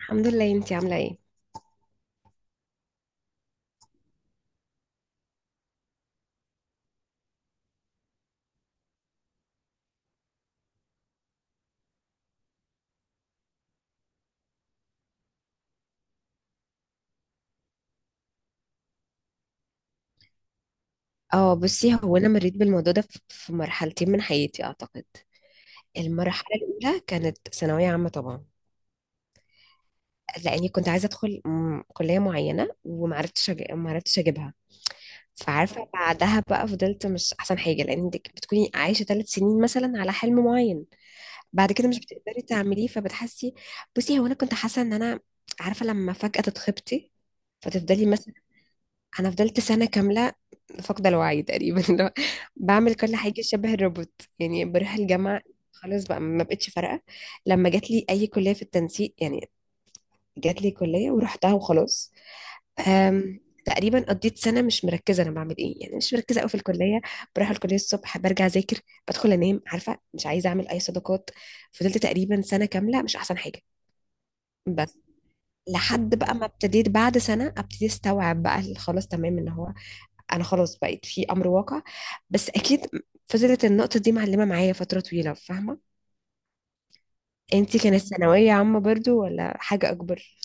الحمد لله، انتي عاملة ايه؟ اه، بصي، هو انا مريت بالموضوع ده في مرحلتين من حياتي اعتقد. المرحلة الاولى كانت ثانوية عامة طبعا، لاني كنت عايزة ادخل كلية معينة ومعرفتش معرفتش اجيبها. فعارفة بعدها بقى فضلت مش احسن حاجة، لان انتك بتكوني عايشة 3 سنين مثلا على حلم معين، بعد كده مش بتقدري تعمليه فبتحسي. بصي هو انا كنت حاسة ان انا، عارفة، لما فجأة تتخبطي فتفضلي مثلا. انا فضلت سنه كامله فاقده الوعي تقريبا اللي هو بعمل كل حاجه شبه الروبوت، يعني بروح الجامعه خلاص بقى ما بقتش فارقه. لما جات لي اي كليه في التنسيق، يعني جات لي كليه ورحتها وخلاص. تقريبا قضيت سنه مش مركزه انا بعمل ايه، يعني مش مركزه قوي في الكليه. بروح الكليه الصبح برجع اذاكر، بدخل انام، عارفه مش عايزه اعمل اي صداقات. فضلت تقريبا سنه كامله مش احسن حاجه. بس لحد بقى ما ابتديت بعد سنه ابتدي استوعب بقى خلاص تمام ان هو انا خلاص بقيت في امر واقع. بس اكيد فضلت النقطة دي معلمة معايا فترة طويلة، فاهمة؟ انتي كانت ثانوية عامة برضو ولا حاجة اكبر؟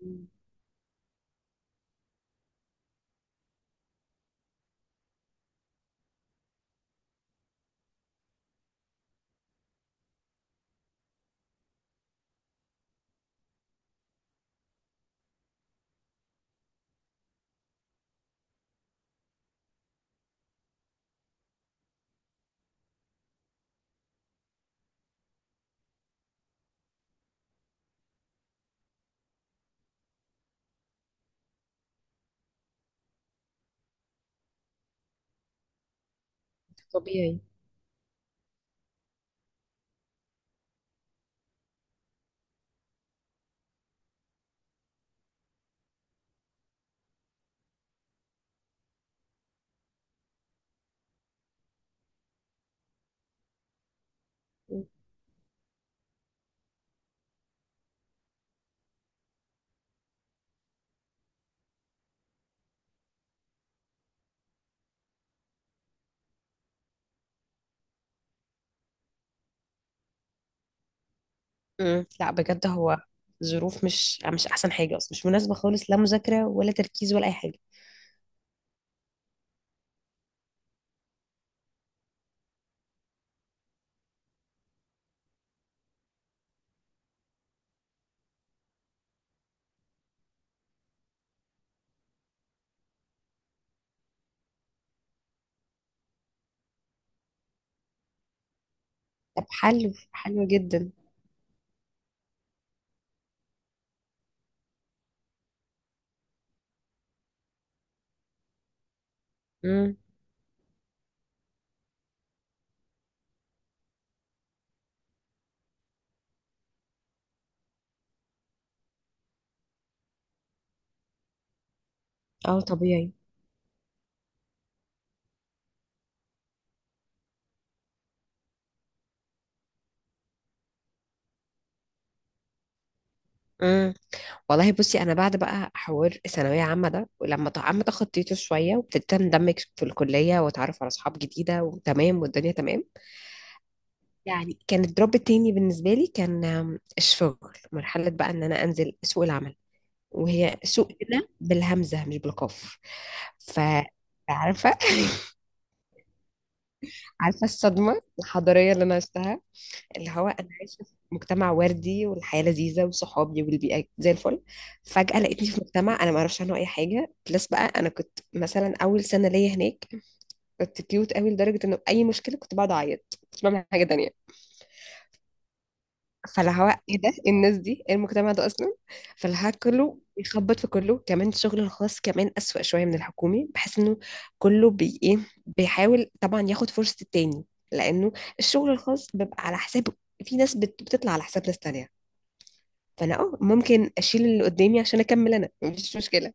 مم. طبيعي. مم. لا بجد، هو ظروف مش احسن حاجة اصلا، مش مناسبة خالص، لا مذاكرة ولا تركيز ولا اي حاجة. طب حلو حلو جدا. مم. اه طبيعي. امم. والله بصي انا بعد بقى حوار الثانويه عامه ده، ولما عم تخطيته شويه وابتديت اندمج في الكليه واتعرف على اصحاب جديده وتمام والدنيا تمام، يعني كان الدروب التاني بالنسبة لي كان الشغل. مرحلة بقى ان انا انزل سوق العمل. وهي سوق هنا بالهمزة مش بالقاف. ف عارفة عارفة الصدمة الحضارية اللي أنا عشتها. اللي هو أنا عايشة في مجتمع وردي والحياة لذيذة وصحابي والبيئة زي الفل، فجأة لقيتني في مجتمع أنا ما أعرفش عنه أي حاجة. بلس بقى أنا كنت مثلا أول سنة ليا هناك كنت كيوت قوي لدرجة إنه أي مشكلة كنت بقعد أعيط كنت بعمل حاجة تانية. فاللي هو ايه ده، إيه الناس دي، إيه المجتمع ده اصلا. فاللي هو كله بيخبط في كله، كمان الشغل الخاص كمان اسوأ شويه من الحكومي، بحس انه كله بي ايه بيحاول طبعا ياخد فرصه التاني، لانه الشغل الخاص بيبقى على حساب، في ناس بتطلع على حساب ناس تانية. فانا اه ممكن اشيل اللي قدامي عشان اكمل انا مفيش مشكله،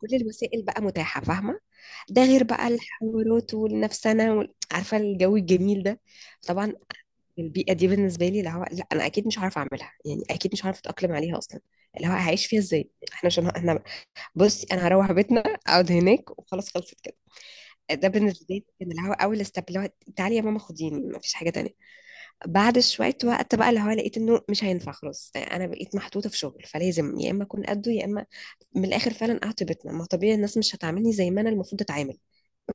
كل الوسائل بقى متاحه، فاهمه. ده غير بقى الحوارات والنفسنه عارفه الجو الجميل ده. طبعا البيئة دي بالنسبة لي اللي هو لا أنا أكيد مش عارفة أعملها، يعني أكيد مش عارفة أتأقلم عليها أصلا، اللي هو هعيش فيها إزاي إحنا عشان إحنا. بصي أنا هروح بيتنا، أقعد هناك وخلاص خلصت كده. ده بالنسبة لي كان اللي هو أول ستيب، اللي هو تعالي يا ماما خديني، مفيش حاجة تانية. بعد شوية وقت بقى اللي هو لقيت إنه مش هينفع، خلاص أنا بقيت محطوطة في شغل فلازم يا إما أكون قده يا إما من الآخر فعلا أقعد في بيتنا. ما طبيعي الناس مش هتعاملني زي ما أنا المفروض أتعامل،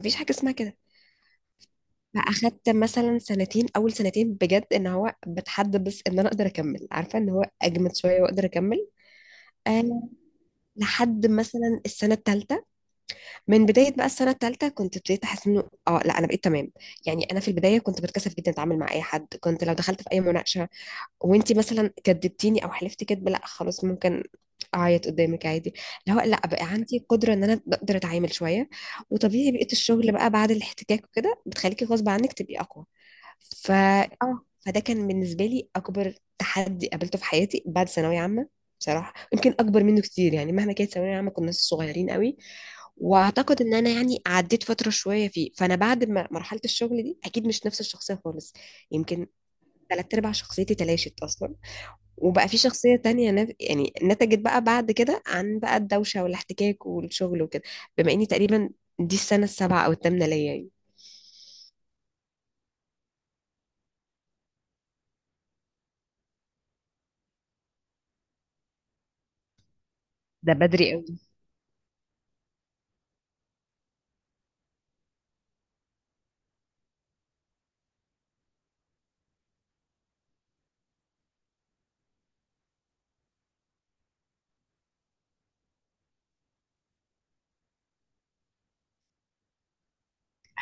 مفيش حاجة اسمها كده. فاخدت مثلا سنتين، اول سنتين بجد ان هو بتحدى، بس ان انا اقدر اكمل، عارفه ان هو اجمد شويه واقدر اكمل. آه لحد مثلا السنه الثالثه. من بدايه بقى السنه الثالثه كنت ابتديت احس انه اه لا انا بقيت تمام. يعني انا في البدايه كنت بتكسف جدا اتعامل مع اي حد، كنت لو دخلت في اي مناقشه وانتي مثلا كدبتيني او حلفتي كدب، لا خلاص ممكن اعيط قدامك عادي. اللي هو لا، بقى عندي قدره ان انا اقدر اتعامل شويه. وطبيعي بقيت الشغل بقى بعد الاحتكاك وكده بتخليكي غصب عنك تبقي اقوى. ف اه فده كان بالنسبه لي اكبر تحدي قابلته في حياتي بعد ثانويه عامه. بصراحه يمكن اكبر منه كتير، يعني مهما كانت ثانويه عامه كنا صغيرين قوي. واعتقد ان انا يعني عديت فتره شويه فيه، فانا بعد ما مرحله الشغل دي اكيد مش نفس الشخصيه خالص. يمكن ثلاث ارباع شخصيتي تلاشت اصلا، وبقى في شخصيه تانية يعني نتجت بقى بعد كده عن بقى الدوشه والاحتكاك والشغل وكده. بما اني تقريبا دي السنه السابعه او الثامنه ليا يعني. ده بدري قوي.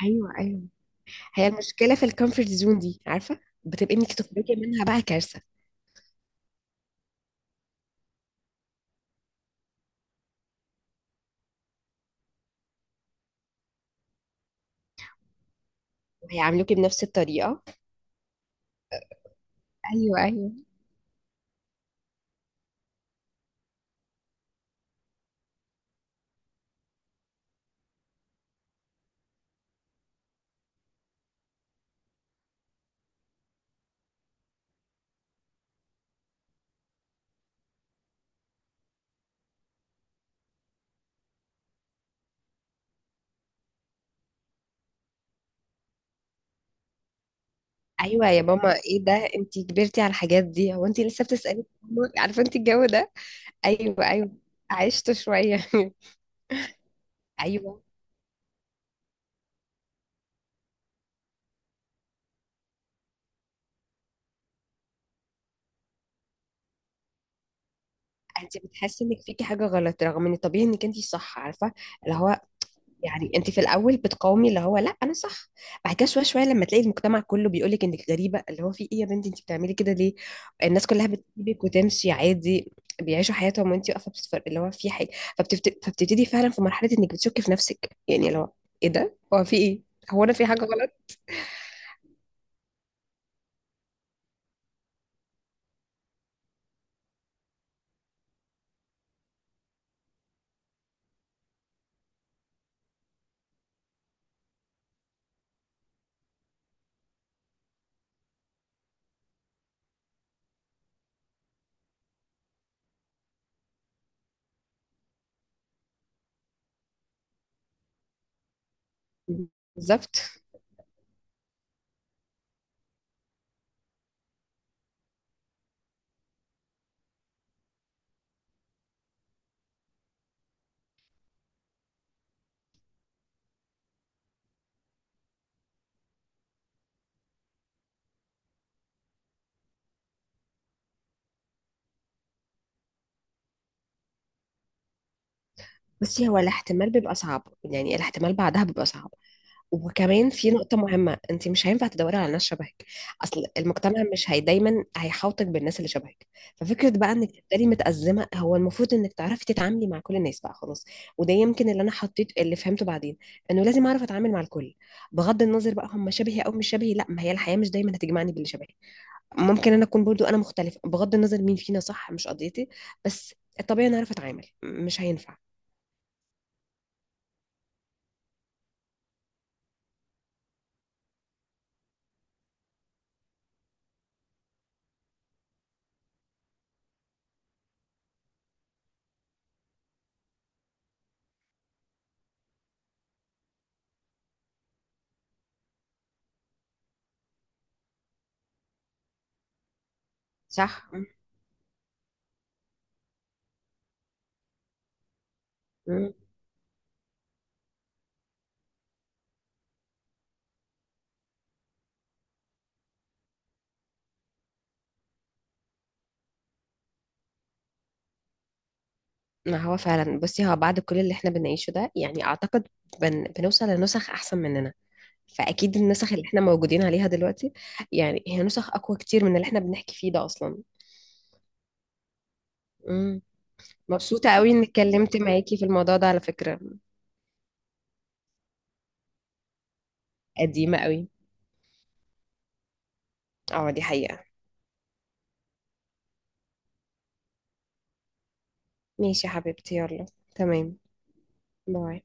ايوه ايوه. هي المشكلة في الكومفورت زون دي، عارفة، بتبقي انك تخرجي منها بقى كارثة. وهيعاملوكي بنفس الطريقة. ايوه ايوه. ايوه يا ماما ايه ده، انت كبرتي على الحاجات دي، هو انت لسه بتسألي؟ عارفة انت الجو ده. ايوه ايوه. عشت شوية ايوه. انت بتحسي انك فيكي حاجة غلط رغم ان طبيعي انك انت صح، عارفة، اللي هو يعني انت في الاول بتقاومي اللي هو لا انا صح. بعد كده شويه شويه لما تلاقي المجتمع كله بيقول لك انك غريبه، اللي هو في ايه يا بنتي، انت بتعملي كده ليه، الناس كلها بتسيبك وتمشي عادي، بيعيشوا حياتهم وانت واقفه بتتفرج اللي هو في حاجه. فبتبتدي فعلا في مرحله انك بتشكي في نفسك، يعني لو ايه ده، هو في ايه، هو انا في حاجه غلط. بالظبط. بس هو الاحتمال بيبقى صعب، يعني الاحتمال بعدها بيبقى صعب. وكمان في نقطة مهمة، انت مش هينفع تدوري على ناس شبهك. اصل المجتمع مش هي دايما هيحاوطك بالناس اللي شبهك. ففكرة بقى انك تبقي متأزمة، هو المفروض انك تعرفي تتعاملي مع كل الناس بقى خلاص. وده يمكن اللي انا حطيت اللي فهمته بعدين، انه لازم اعرف اتعامل مع الكل، بغض النظر بقى هم شبهي او مش شبهي. لا ما هي الحياة مش دايما هتجمعني باللي شبهي، ممكن انا اكون برضو انا مختلفة، بغض النظر مين فينا صح مش قضيتي. بس الطبيعي انا اعرف اتعامل، مش هينفع. صح. ما هو فعلا بصي هو بعد كل اللي احنا بنعيشه ده، يعني اعتقد بنوصل لنسخ احسن مننا. فاكيد النسخ اللي احنا موجودين عليها دلوقتي، يعني هي نسخ اقوى كتير من اللي احنا بنحكي فيه ده اصلا. امم. مبسوطة قوي اني اتكلمت معاكي في الموضوع ده على فكرة. قديمة قوي. اه دي حقيقة. ماشي يا حبيبتي يلا. تمام. باي.